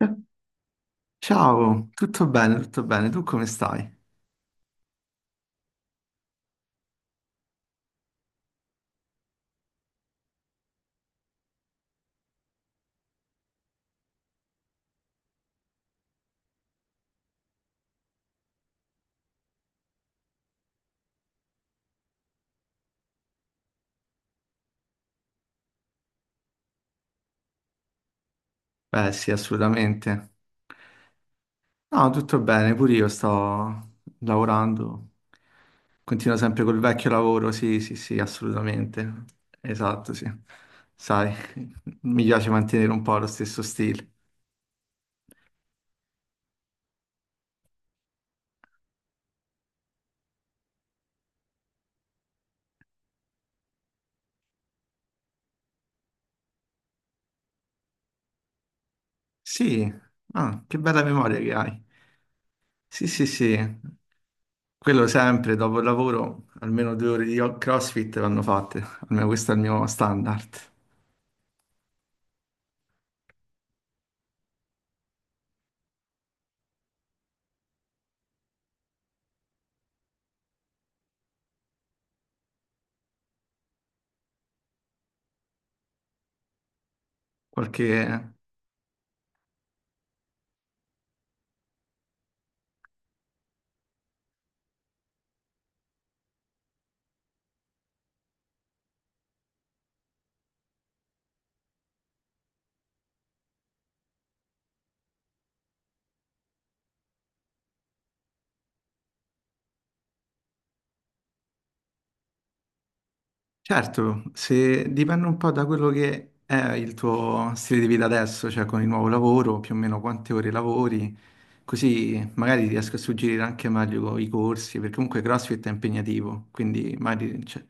Eh, ciao, tutto bene, tutto bene. Tu come stai? Beh, sì, assolutamente. No, tutto bene, pure io sto lavorando. Continuo sempre col vecchio lavoro, sì, sì, sì, assolutamente. Esatto, sì. Sai, mi piace mantenere un po' lo stesso stile. Sì, ah, che bella memoria che hai. Sì, sì, sì, quello sempre dopo il lavoro, almeno 2 ore di CrossFit vanno fatte, almeno questo è il mio standard. Qualche. Certo, se dipende un po' da quello che è il tuo stile di vita adesso, cioè con il nuovo lavoro, più o meno quante ore lavori, così magari ti riesco a suggerire anche meglio i corsi, perché comunque CrossFit è impegnativo, quindi magari, cioè.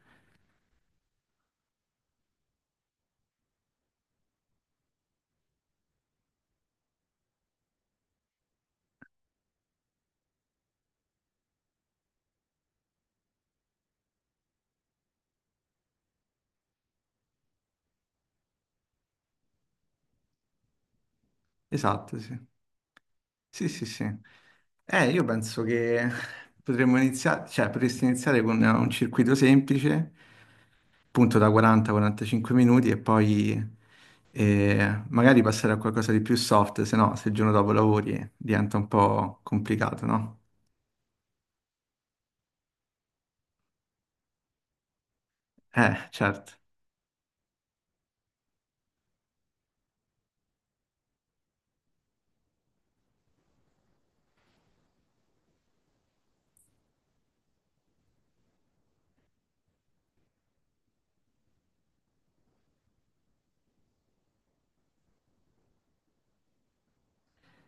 Esatto, sì. Sì, sì, sì. Io penso che potremmo iniziare, cioè potresti iniziare con un circuito semplice, appunto da 40-45 minuti e poi magari passare a qualcosa di più soft, se no se il giorno dopo lavori diventa un po' complicato, no? Certo.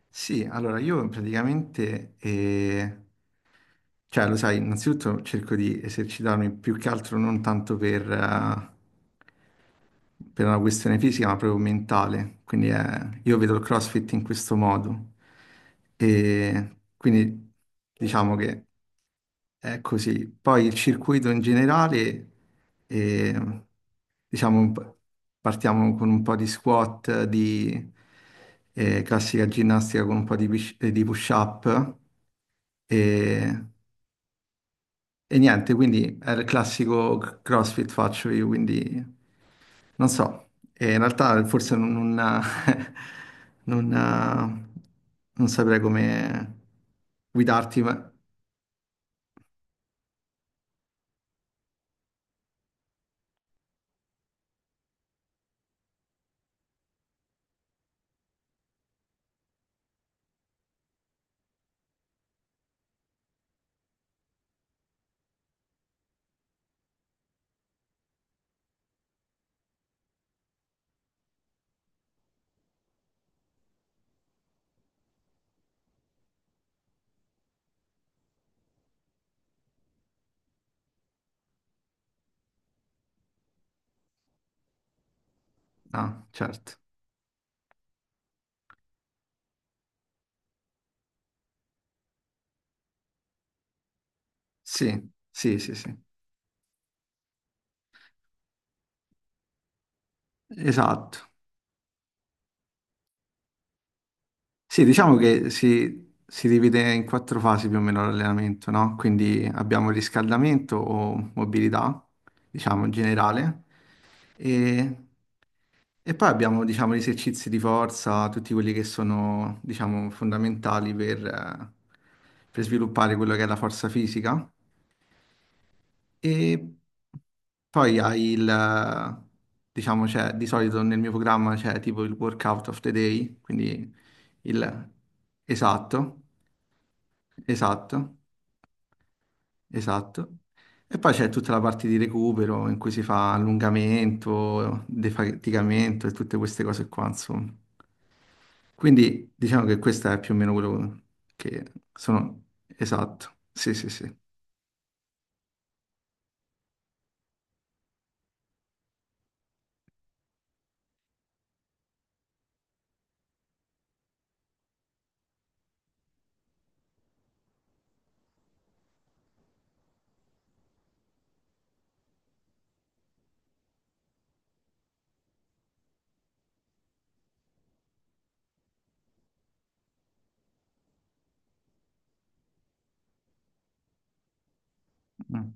Sì, allora io praticamente cioè, lo sai, innanzitutto cerco di esercitarmi più che altro non tanto per una questione fisica, ma proprio mentale. Quindi io vedo il CrossFit in questo modo. E quindi diciamo che è così. Poi il circuito in generale, eh, diciamo, partiamo con un po' di squat, di classica ginnastica con un po' di push-up. E e niente, quindi è il classico CrossFit faccio io, quindi non so. E in realtà forse non, non, non- non saprei come guidarti, ma. No, certo. Sì, sì, sì, sì. Esatto. Sì, diciamo che si divide in quattro fasi più o meno l'allenamento, no? Quindi abbiamo il riscaldamento o mobilità, diciamo, in generale, e, e poi abbiamo, diciamo, gli esercizi di forza, tutti quelli che sono, diciamo, fondamentali per sviluppare quello che è la forza fisica. E poi hai il, diciamo, c'è di solito nel mio programma c'è tipo il workout of the day, quindi il esatto, esatto, esatto. E poi c'è tutta la parte di recupero in cui si fa allungamento, defaticamento e tutte queste cose qua, insomma. Quindi diciamo che questo è più o meno quello che sono. Esatto, sì, sì, sì. Mm,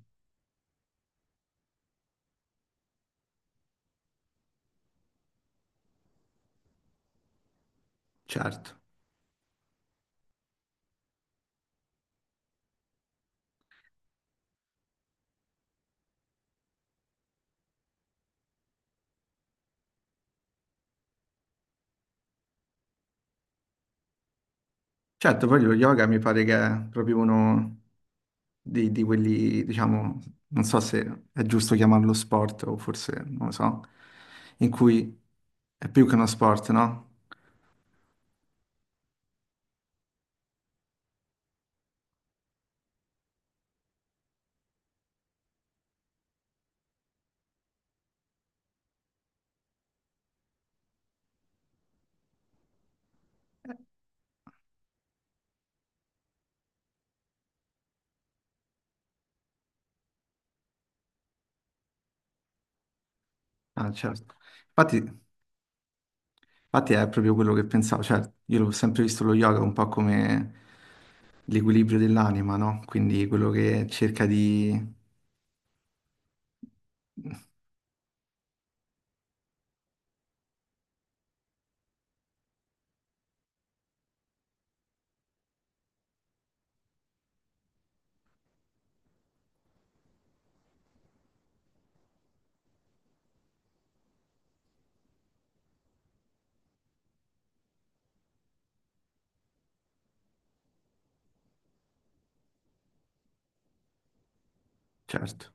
certo. Certo, poi lo yoga mi pare che è proprio uno di quelli, diciamo, non so se è giusto chiamarlo sport o forse, non lo so, in cui è più che uno sport, no? Ah, certo. Infatti, infatti è proprio quello che pensavo, cioè io l'ho sempre visto lo yoga un po' come l'equilibrio dell'anima, no? Quindi quello che cerca di. Certo,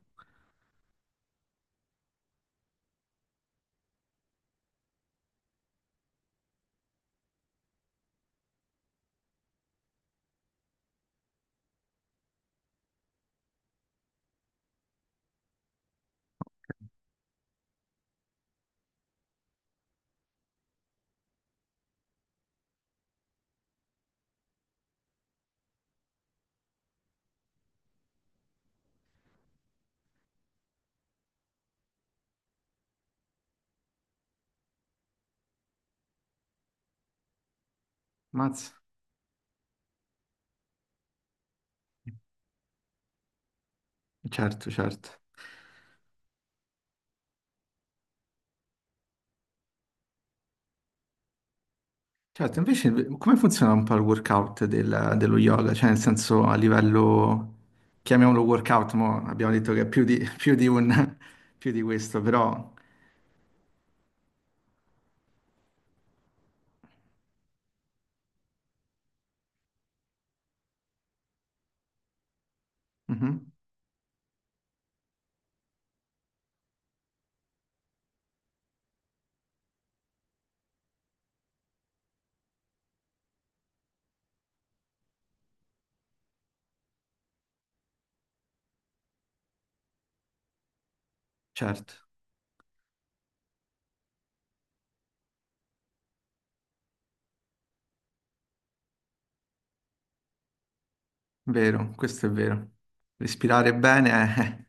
mazza, certo, certo. Certo, invece come funziona un po' il workout dello yoga? Cioè, nel senso, a livello, chiamiamolo workout, mo abbiamo detto che è più di, più di questo, però. Mhm, certo, vero, questo è vero. Respirare bene, eh,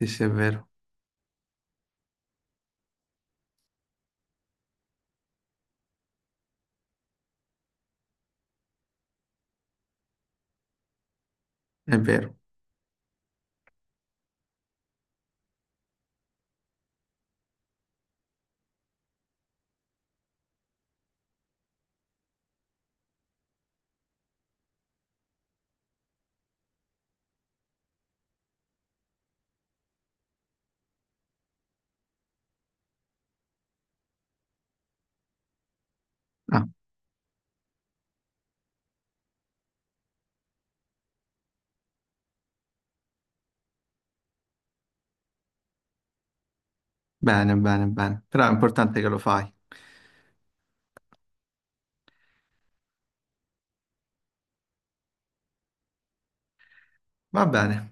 sì, sì, è vero, è vero. Ah, bene, bene, bene. Però è importante che lo fai. Va bene.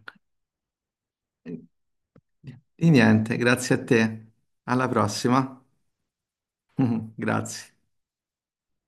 Di niente, grazie a te. Alla prossima. Grazie.